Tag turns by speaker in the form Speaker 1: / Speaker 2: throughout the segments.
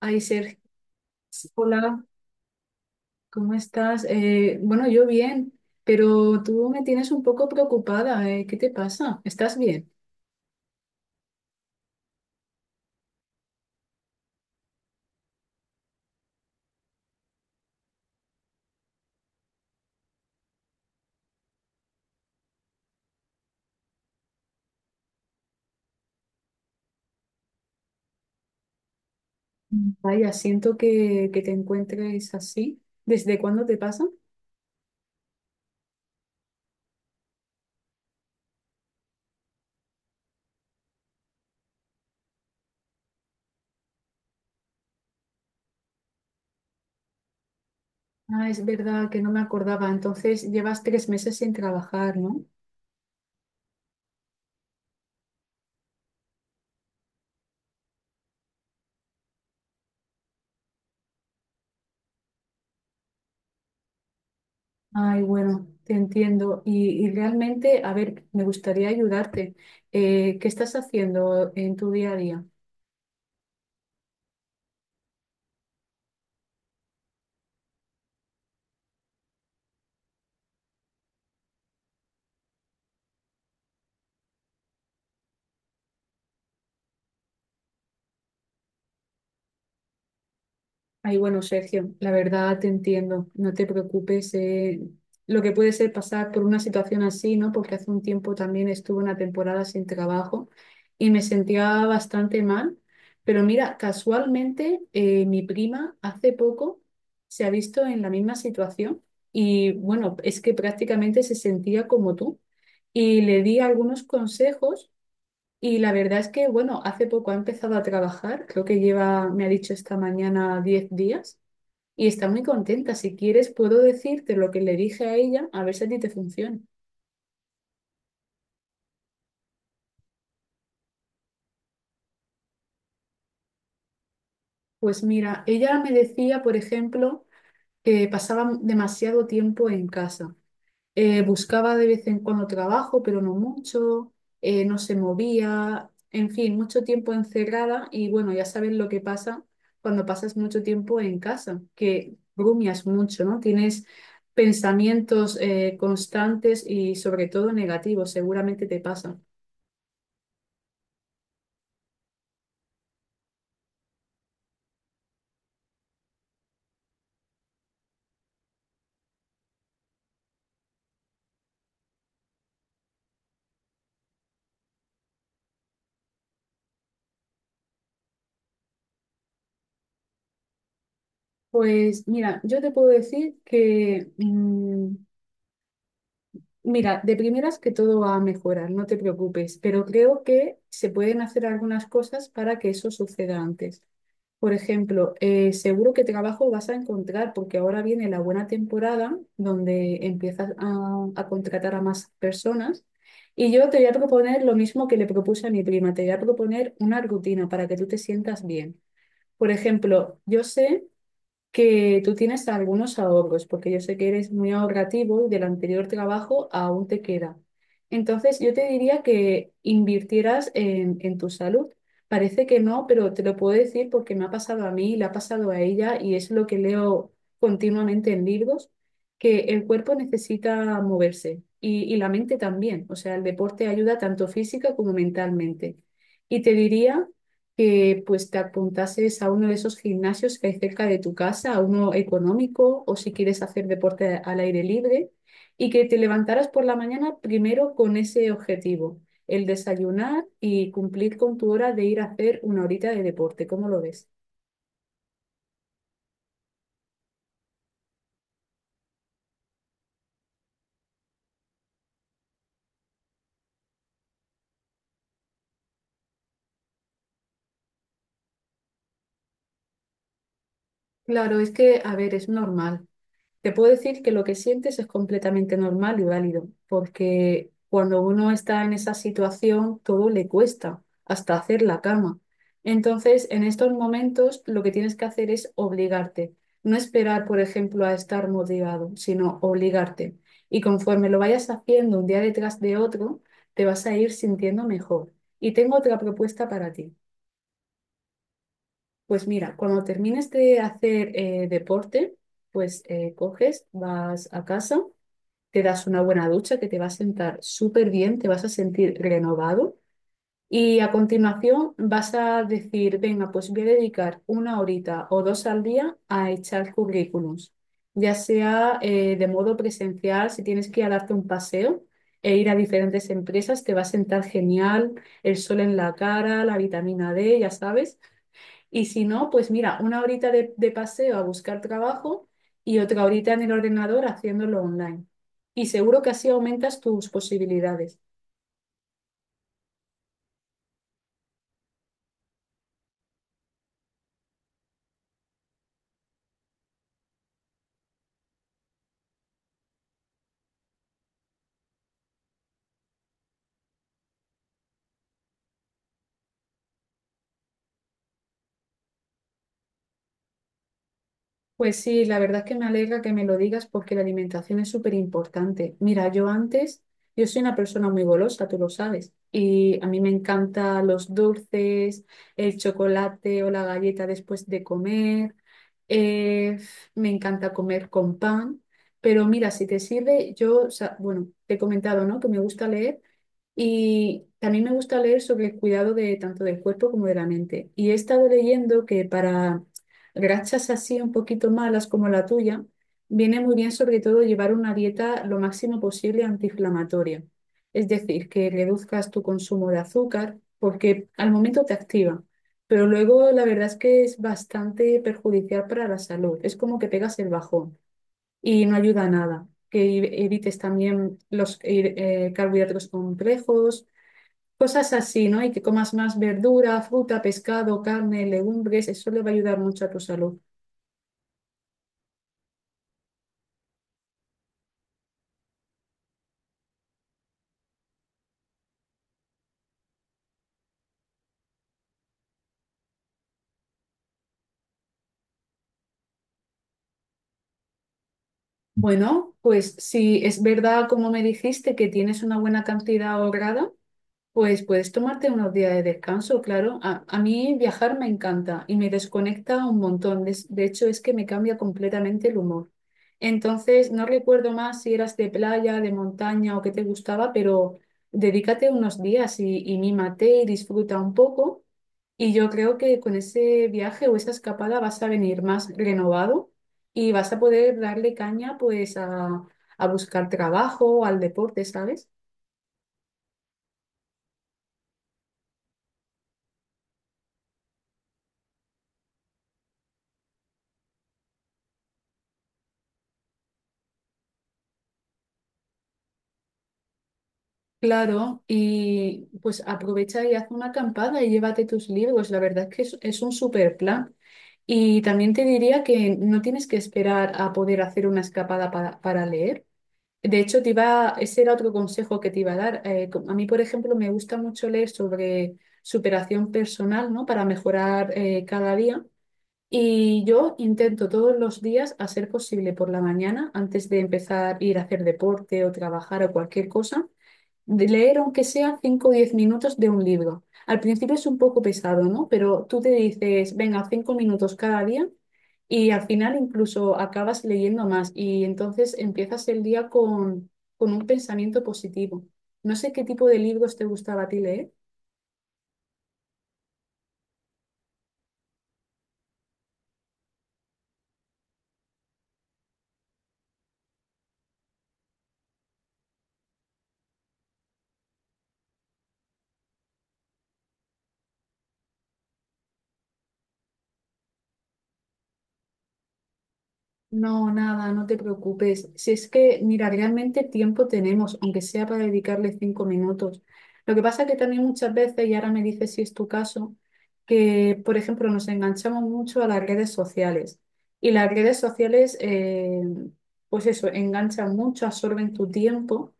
Speaker 1: Ay, Sergio, hola, ¿cómo estás? Bueno, yo bien, pero tú me tienes un poco preocupada, ¿qué te pasa? ¿Estás bien? Mm. Vaya, siento que te encuentres así. ¿Desde cuándo te pasa? Ah, es verdad que no me acordaba. Entonces, llevas 3 meses sin trabajar, ¿no? Ay, bueno, te entiendo. Y realmente, a ver, me gustaría ayudarte. ¿Qué estás haciendo en tu día a día? Ay, bueno, Sergio, la verdad te entiendo, no te preocupes. Lo que puede ser pasar por una situación así, ¿no? Porque hace un tiempo también estuve una temporada sin trabajo y me sentía bastante mal. Pero mira, casualmente mi prima hace poco se ha visto en la misma situación y bueno, es que prácticamente se sentía como tú y le di algunos consejos y la verdad es que, bueno, hace poco ha empezado a trabajar, creo que lleva, me ha dicho esta mañana, 10 días y está muy contenta. Si quieres, puedo decirte lo que le dije a ella, a ver si a ti te funciona. Pues mira, ella me decía, por ejemplo, que pasaba demasiado tiempo en casa. Buscaba de vez en cuando trabajo, pero no mucho. No se movía. En fin, mucho tiempo encerrada. Y bueno, ya sabes lo que pasa cuando pasas mucho tiempo en casa, que rumias mucho, ¿no? Tienes pensamientos constantes y sobre todo negativos. Seguramente te pasa. Pues mira, yo te puedo decir que mira, de primeras que todo va a mejorar, no te preocupes, pero creo que se pueden hacer algunas cosas para que eso suceda antes. Por ejemplo, seguro que trabajo vas a encontrar porque ahora viene la buena temporada donde empiezas a contratar a más personas. Y yo te voy a proponer lo mismo que le propuse a mi prima, te voy a proponer una rutina para que tú te sientas bien. Por ejemplo, yo sé que tú tienes algunos ahorros, porque yo sé que eres muy ahorrativo y del anterior trabajo aún te queda. Entonces, yo te diría que invirtieras en tu salud. Parece que no, pero te lo puedo decir porque me ha pasado a mí, le ha pasado a ella y es lo que leo continuamente en libros, que el cuerpo necesita moverse y la mente también. O sea, el deporte ayuda tanto física como mentalmente. Y te diría que pues te apuntases a uno de esos gimnasios que hay cerca de tu casa, a uno económico o si quieres hacer deporte al aire libre y que te levantaras por la mañana primero con ese objetivo, el desayunar y cumplir con tu hora de ir a hacer una horita de deporte. ¿Cómo lo ves? Claro, es que, a ver, es normal. Te puedo decir que lo que sientes es completamente normal y válido, porque cuando uno está en esa situación, todo le cuesta, hasta hacer la cama. Entonces, en estos momentos, lo que tienes que hacer es obligarte, no esperar, por ejemplo, a estar motivado, sino obligarte. Y conforme lo vayas haciendo un día detrás de otro, te vas a ir sintiendo mejor. Y tengo otra propuesta para ti. Pues mira, cuando termines de hacer deporte, pues coges, vas a casa, te das una buena ducha que te va a sentar súper bien, te vas a sentir renovado y a continuación vas a decir, venga, pues voy a dedicar una horita o dos al día a echar currículums, ya sea de modo presencial, si tienes que ir a darte un paseo e ir a diferentes empresas, te va a sentar genial, el sol en la cara, la vitamina D, ya sabes. Y si no, pues mira, una horita de paseo a buscar trabajo y otra horita en el ordenador haciéndolo online. Y seguro que así aumentas tus posibilidades. Pues sí, la verdad es que me alegra que me lo digas porque la alimentación es súper importante. Mira, yo antes, yo soy una persona muy golosa, tú lo sabes, y a mí me encantan los dulces, el chocolate o la galleta después de comer, eh, me encanta comer con pan, pero mira, si te sirve, yo, o sea, bueno, te he comentado, ¿no? Que me gusta leer. Y también me gusta leer sobre el cuidado de tanto del cuerpo como de la mente. Y he estado leyendo que para grachas así un poquito malas como la tuya, viene muy bien sobre todo llevar una dieta lo máximo posible antiinflamatoria. Es decir, que reduzcas tu consumo de azúcar porque al momento te activa, pero luego la verdad es que es bastante perjudicial para la salud. Es como que pegas el bajón y no ayuda a nada. Que evites también los carbohidratos complejos. Cosas así, ¿no? Y que comas más verdura, fruta, pescado, carne, legumbres, eso le va a ayudar mucho a tu salud. Bueno, pues si es verdad, como me dijiste, que tienes una buena cantidad ahorrada, pues puedes tomarte unos días de descanso, claro. A mí viajar me encanta y me desconecta un montón. De hecho, es que me cambia completamente el humor. Entonces, no recuerdo más si eras de playa, de montaña o qué te gustaba, pero dedícate unos días y mímate y disfruta un poco. Y yo creo que con ese viaje o esa escapada vas a venir más renovado y vas a poder darle caña pues a buscar trabajo, al deporte, ¿sabes? Claro, y pues aprovecha y haz una acampada y llévate tus libros. La verdad es que es un super plan. Y también te diría que no tienes que esperar a poder hacer una escapada para leer. De hecho, te iba, ese era otro consejo que te iba a dar. A mí, por ejemplo, me gusta mucho leer sobre superación personal, ¿no? Para mejorar cada día. Y yo intento todos los días, a ser posible por la mañana, antes de empezar a ir a hacer deporte o trabajar o cualquier cosa de leer aunque sea 5 o 10 minutos de un libro. Al principio es un poco pesado, ¿no? Pero tú te dices, venga, 5 minutos cada día y al final incluso acabas leyendo más y entonces empiezas el día con un pensamiento positivo. No sé qué tipo de libros te gustaba a ti leer. No, nada, no te preocupes. Si es que, mira, realmente tiempo tenemos, aunque sea para dedicarle 5 minutos. Lo que pasa que también muchas veces, y ahora me dices si es tu caso, que, por ejemplo, nos enganchamos mucho a las redes sociales. Y las redes sociales, pues eso, enganchan mucho, absorben tu tiempo.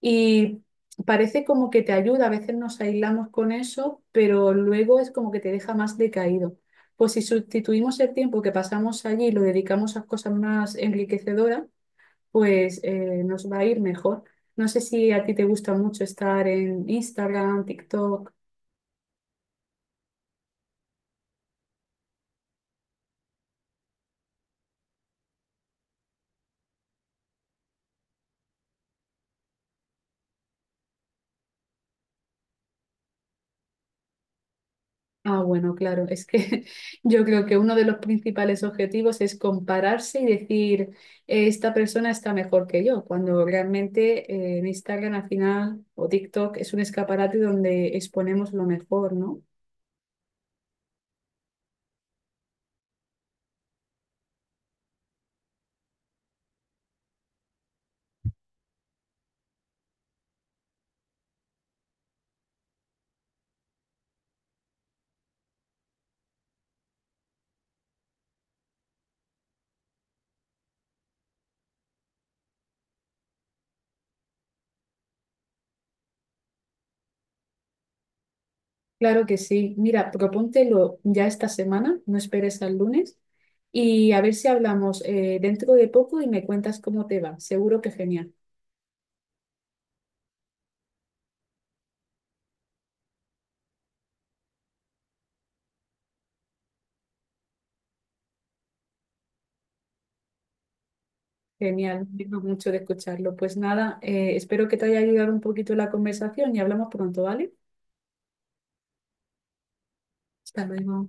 Speaker 1: Y parece como que te ayuda, a veces nos aislamos con eso, pero luego es como que te deja más decaído. Pues si sustituimos el tiempo que pasamos allí y lo dedicamos a cosas más enriquecedoras, pues nos va a ir mejor. No sé si a ti te gusta mucho estar en Instagram, TikTok. Ah, bueno, claro, es que yo creo que uno de los principales objetivos es compararse y decir, esta persona está mejor que yo", cuando realmente en Instagram al final o TikTok es un escaparate donde exponemos lo mejor, ¿no? Claro que sí. Mira, propóntelo ya esta semana, no esperes al lunes y a ver si hablamos dentro de poco y me cuentas cómo te va. Seguro que genial. Genial, me alegro mucho de escucharlo. Pues nada, espero que te haya ayudado un poquito la conversación y hablamos pronto, ¿vale? Hasta luego.